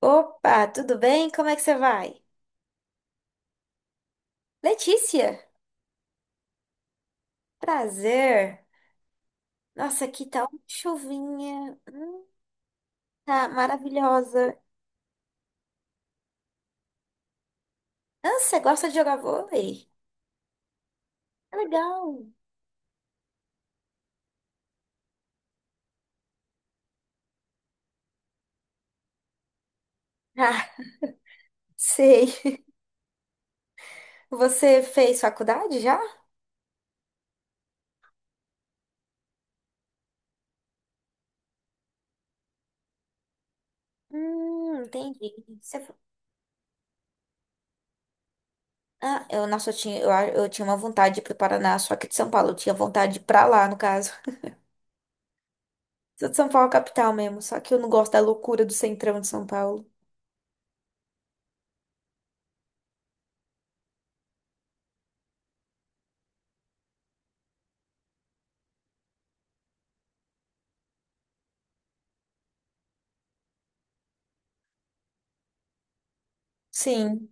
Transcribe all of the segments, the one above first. Opa, tudo bem? Como é que você vai? Letícia, prazer. Nossa, aqui tá uma chuvinha. Tá maravilhosa. Ah, você gosta de jogar vôlei? É legal. Ah, sei. Você fez faculdade já? Entendi. Você... fo- Ah, nossa, eu tinha uma vontade de ir pro Paraná, só que de São Paulo. Eu tinha vontade de ir pra lá, no caso. Sou de São Paulo, capital mesmo, só que eu não gosto da loucura do centrão de São Paulo. Sim,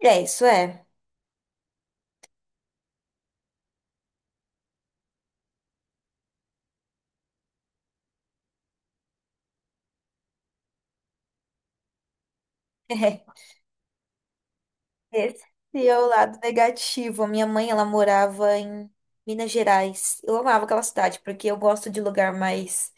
é isso, é. Esse é o lado negativo. A minha mãe, ela morava em Minas Gerais. Eu amava aquela cidade, porque eu gosto de lugar mais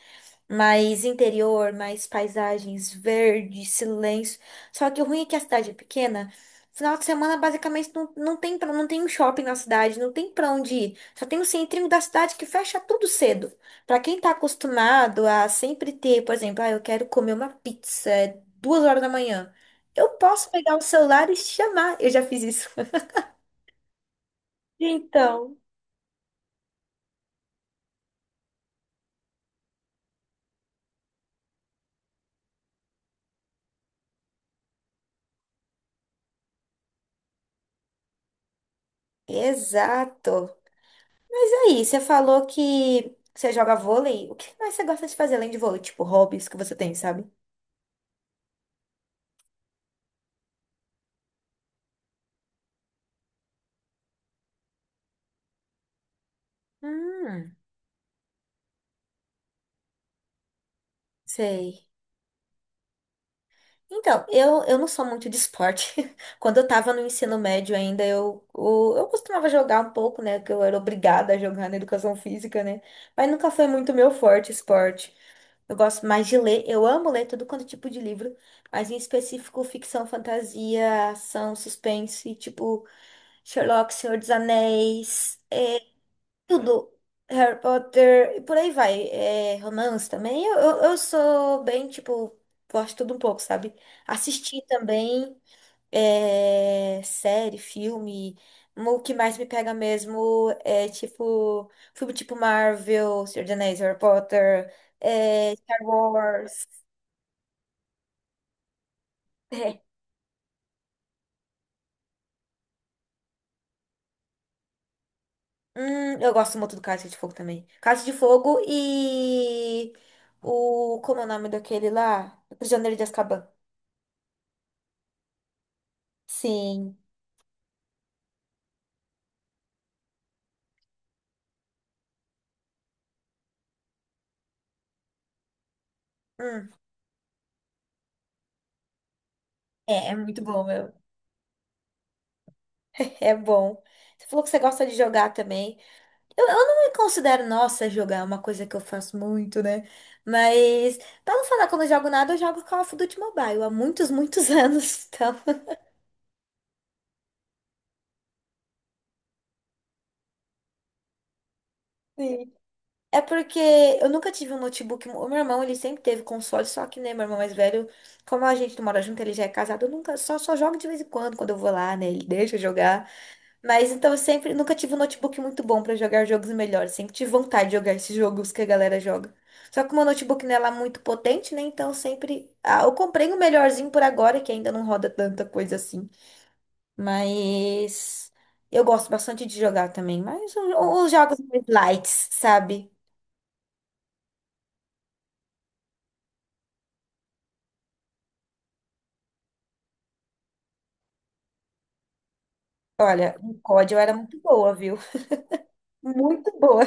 interior, mais paisagens, verde, silêncio. Só que o ruim é que a cidade é pequena. Final de semana, basicamente, não tem um shopping na cidade, não tem pra onde ir. Só tem o centrinho da cidade que fecha tudo cedo. Pra quem tá acostumado a sempre ter, por exemplo, ah, eu quero comer uma pizza é 2 horas da manhã. Eu posso pegar o celular e chamar. Eu já fiz isso. Então, exato. Mas aí, você falou que você joga vôlei. O que mais você gosta de fazer além de vôlei? Tipo, hobbies que você tem, sabe? Hum, Sei. Então, eu não sou muito de esporte. Quando eu tava no ensino médio ainda, eu costumava jogar um pouco, né? Que eu era obrigada a jogar na educação física, né? Mas nunca foi muito meu forte esporte. Eu gosto mais de ler, eu amo ler todo quanto é tipo de livro, mas em específico ficção, fantasia, ação, suspense, tipo Sherlock, Senhor dos Anéis, é, tudo, Harry Potter, e por aí vai. É, romance também. Eu sou bem, tipo, gosto de tudo um pouco, sabe? Assistir também é, série, filme. O que mais me pega mesmo é, tipo, filme tipo Marvel, Senhor dos Anéis, Harry Potter, é, Star Wars. É. Eu gosto muito do Cálice de Fogo também. Cálice de Fogo e o... Como é o nome daquele lá? Prisioneiro de Azkaban. Sim. Hum. É, é muito bom, meu. É bom. Você falou que você gosta de jogar também. Eu não me considero, nossa, jogar é uma coisa que eu faço muito, né? Mas, pra não falar que eu não jogo nada, eu jogo Call of Duty Mobile há muitos, muitos anos. Então, assim, é porque eu nunca tive um notebook. O meu irmão, ele sempre teve console, só que, né, meu irmão mais velho, como a gente não mora junto, ele já é casado, eu nunca, só, só jogo de vez em quando, quando eu vou lá, né? Ele deixa eu jogar. Mas então eu sempre nunca tive um notebook muito bom pra jogar jogos melhores. Sempre tive vontade de jogar esses jogos que a galera joga. Só que o meu notebook não é lá muito potente, né? Então eu sempre. Ah, eu comprei o melhorzinho por agora, que ainda não roda tanta coisa assim. Mas eu gosto bastante de jogar também. Mas os jogos mais lights, sabe? Olha, o COD eu era muito boa, viu? Muito boa.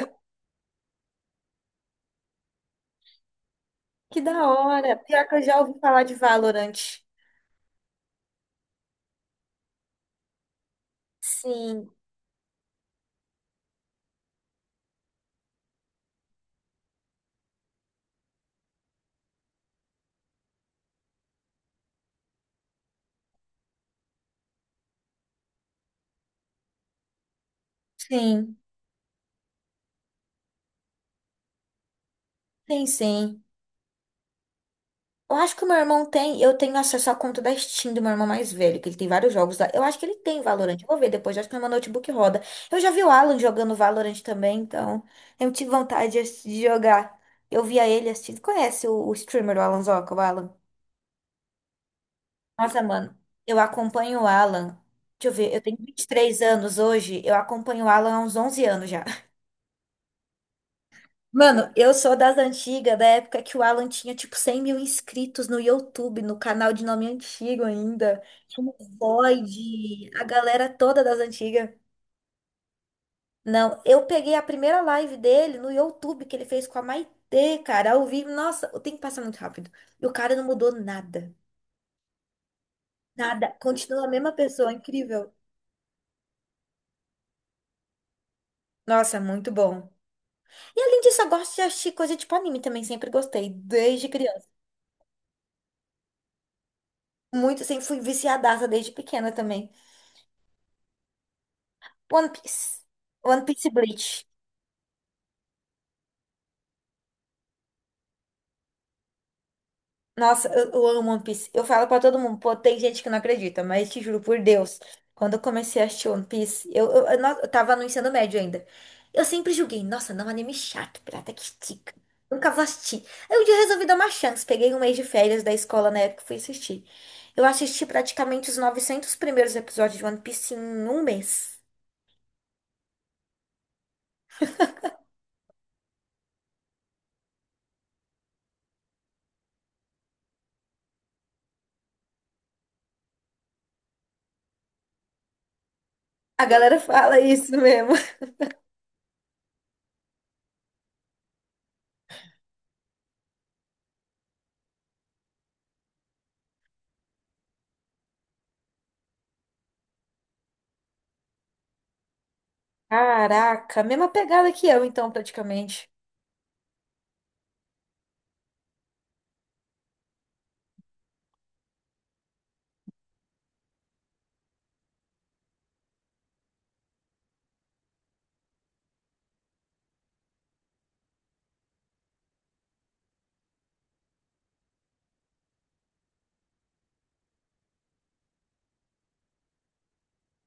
Que da hora. Pior que eu já ouvi falar de Valorant. Sim, sim, sim, sim. Eu acho que o meu irmão tem, eu tenho acesso à conta da Steam do meu irmão mais velho, que ele tem vários jogos lá. Eu acho que ele tem Valorant. Eu vou ver depois, eu acho que no meu notebook roda. Eu já vi o Alan jogando Valorant também, então eu tive vontade de jogar. Eu via ele assistindo. Conhece o streamer, o Alan Zoca, o Alan? Nossa, mano, eu acompanho o Alan. Deixa eu ver, eu tenho 23 anos hoje, eu acompanho o Alan há uns 11 anos já. Mano, eu sou das antigas, da época que o Alan tinha tipo 100 mil inscritos no YouTube, no canal de nome antigo ainda. Tinha o Void, a galera toda das antigas. Não, eu peguei a primeira live dele no YouTube que ele fez com a Maitê, cara, ao vivo. Nossa, o tempo passa muito rápido. E o cara não mudou nada. Nada. Continua a mesma pessoa, incrível. Nossa, muito bom. E além disso, eu gosto de assistir coisa tipo anime também, sempre gostei, desde criança. Muito, sempre fui viciadaça desde pequena também. One Piece. One Piece e Bleach. Nossa, eu amo One Piece. Eu falo pra todo mundo, pô, tem gente que não acredita, mas te juro por Deus, quando eu comecei a assistir One Piece, eu tava no ensino médio ainda. Eu sempre julguei, nossa, não, é um anime chato, pirata que estica. Nunca vou assistir. Aí um dia eu resolvi dar uma chance, peguei um mês de férias da escola na época e fui assistir. Eu assisti praticamente os 900 primeiros episódios de One Piece em um mês. A galera fala isso mesmo. Caraca, mesma pegada que eu, então, praticamente.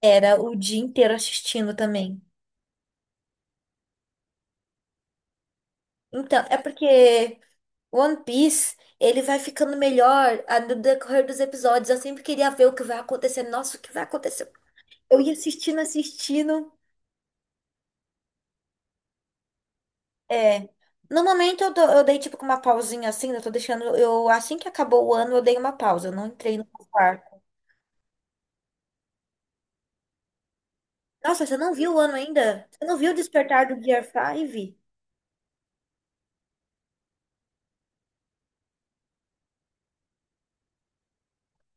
Era o dia inteiro assistindo também. Então, é porque One Piece, ele vai ficando melhor no decorrer dos episódios. Eu sempre queria ver o que vai acontecer. Nossa, o que vai acontecer? Eu ia assistindo, assistindo. É. No momento, eu dei tipo uma pausinha assim. Eu tô deixando. Eu, assim que acabou o ano, eu dei uma pausa. Eu não entrei no quarto. Nossa, você não viu o ano ainda? Você não viu o despertar do Gear 5?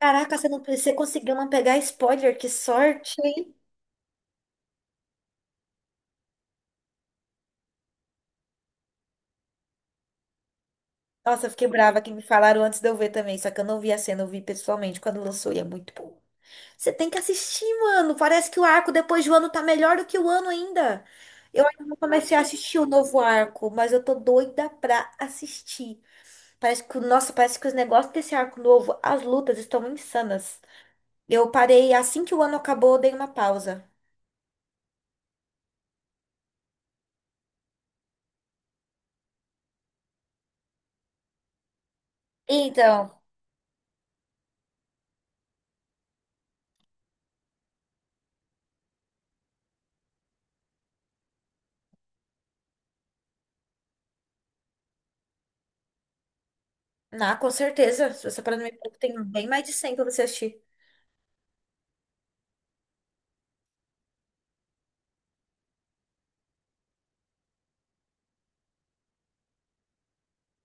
Caraca, você não, você conseguiu não pegar spoiler? Que sorte! Nossa, eu fiquei brava que me falaram antes de eu ver também, só que eu não vi a cena, eu vi pessoalmente quando lançou e é muito bom. Você tem que assistir, mano. Parece que o arco depois do ano tá melhor do que o ano ainda. Eu ainda não comecei a assistir o novo arco, mas eu tô doida pra assistir. Parece que, nossa, parece que os negócios desse arco novo, as lutas estão insanas. Eu parei assim que o ano acabou, eu dei uma pausa. Então, na com certeza, se você parar no meu tem bem mais de 100 pra você assistir.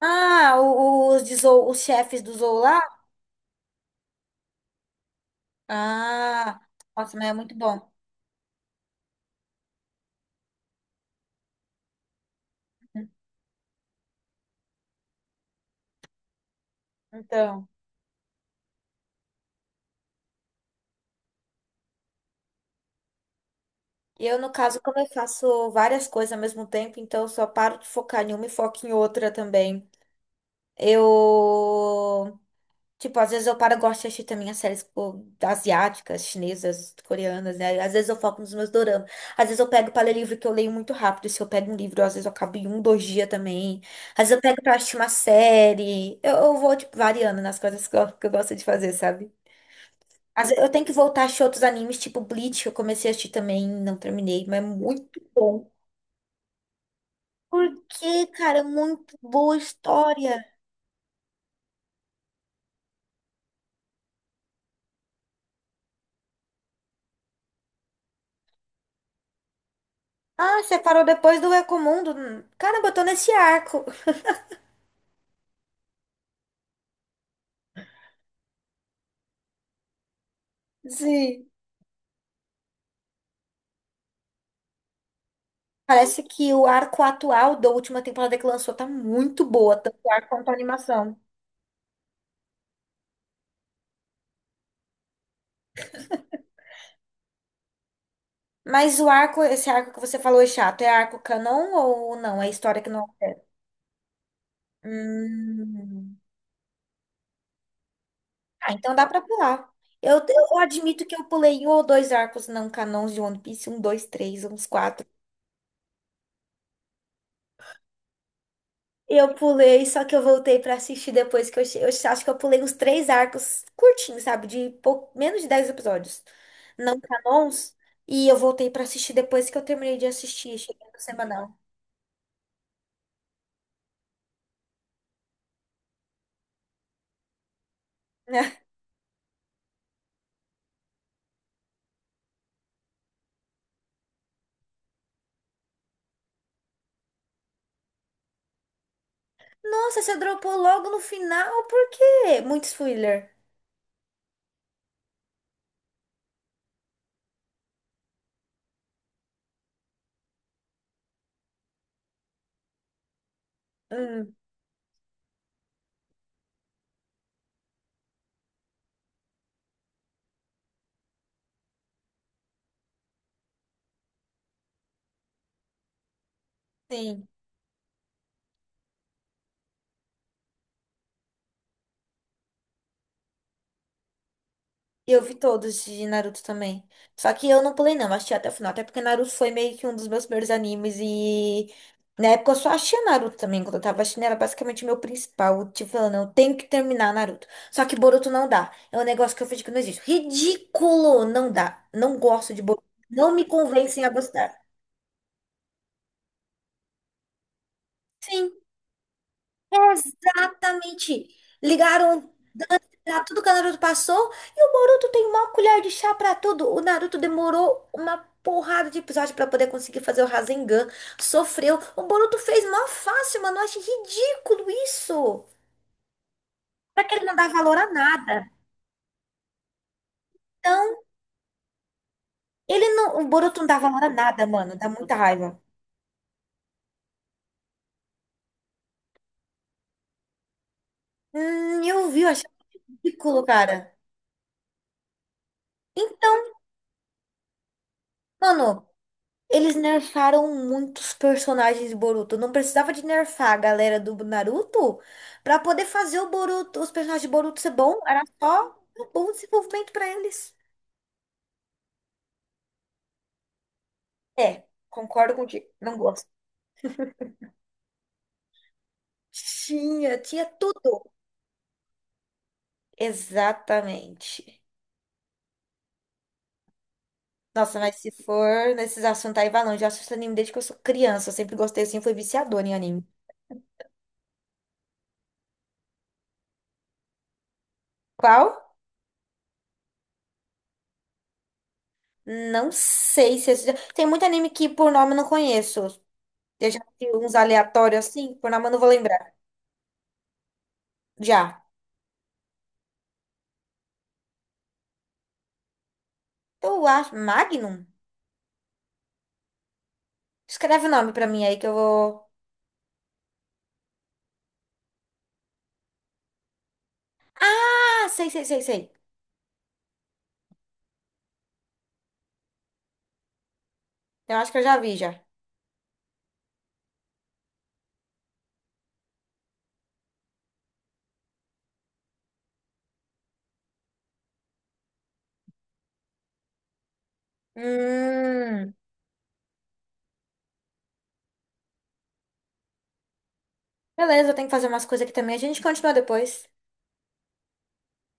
Ah, os chefes do Zou lá? Ah, nossa, mas é muito bom. Então, eu no caso, como eu faço várias coisas ao mesmo tempo, então eu só paro de focar em uma e foco em outra também. Eu, tipo, às vezes eu paro, eu gosto de assistir também as séries pô, asiáticas, chinesas, coreanas, né? Às vezes eu foco nos meus doramas. Às vezes eu pego para ler livro que eu leio muito rápido. Se eu pego um livro, às vezes eu acabo em um, dois dias também. Às vezes eu pego pra assistir uma série. Eu vou, tipo, variando nas coisas que que eu gosto de fazer, sabe? Eu tenho que voltar a assistir outros animes, tipo Bleach, que eu comecei a assistir também, não terminei, mas é muito bom. Por quê, cara? É muito boa história. Ah, você parou depois do Recomundo. Caramba, eu tô nesse arco. Sim. Parece que o arco atual da última temporada que lançou tá muito boa, tanto o arco quanto a animação. Mas o arco, esse arco que você falou é chato, é arco canon ou não? É história que não é. Hum. Ah, então dá pra pular. Eu admito que eu pulei um ou dois arcos não canons de One Piece, um, dois, três, uns quatro. Eu pulei, só que eu voltei pra assistir depois que eu acho que eu pulei uns três arcos curtinhos, sabe? Menos de 10 episódios, não canons. E eu voltei pra assistir depois que eu terminei de assistir, cheguei no semanal. Né? Nossa, você dropou logo no final, por quê? Muito spoiler. Hum, sim. Eu vi todos de Naruto também. Só que eu não pulei, não, assisti até o final. Até porque Naruto foi meio que um dos meus primeiros animes e. Na época eu só achei Naruto também, quando eu tava assistindo, era basicamente o meu principal. Tipo, falando, eu tenho que terminar Naruto. Só que Boruto não dá. É um negócio que eu fiz que não existe. Ridículo! Não dá. Não gosto de Boruto. Não me convencem a gostar. Sim. Exatamente. Ligaram pra tudo que o Naruto passou e o Boruto tem uma colher de chá pra tudo. O Naruto demorou uma porrada de episódio pra poder conseguir fazer o Rasengan. Sofreu. O Boruto fez mó fácil, mano. Eu achei ridículo isso. Pra que ele não dá valor a nada. Então, ele não, o Boruto não dá valor a nada, mano. Dá muita raiva. Eu vi, eu achei ridículo, cara. Então, mano, eles nerfaram muitos personagens de Boruto. Não precisava de nerfar a galera do Naruto pra poder fazer o Boruto, os personagens de Boruto ser bom. Era só um bom desenvolvimento pra eles. É, concordo contigo. Não gosto. Tinha, tinha tudo. Exatamente. Nossa, mas se for nesses assuntos aí, vai longe. Eu assisto anime desde que eu sou criança. Eu sempre gostei, assim, fui viciadora em anime. Qual? Não sei se... esse- Tem muito anime que por nome eu não conheço. Eu já vi uns aleatórios assim, por na mão não vou lembrar. Já. Eu acho. Magnum? Escreve o nome pra mim aí que eu vou. Ah, sei, sei, sei, sei. Eu acho que eu já vi já. Hum. Beleza, eu tenho que fazer umas coisas aqui também. A gente continua depois.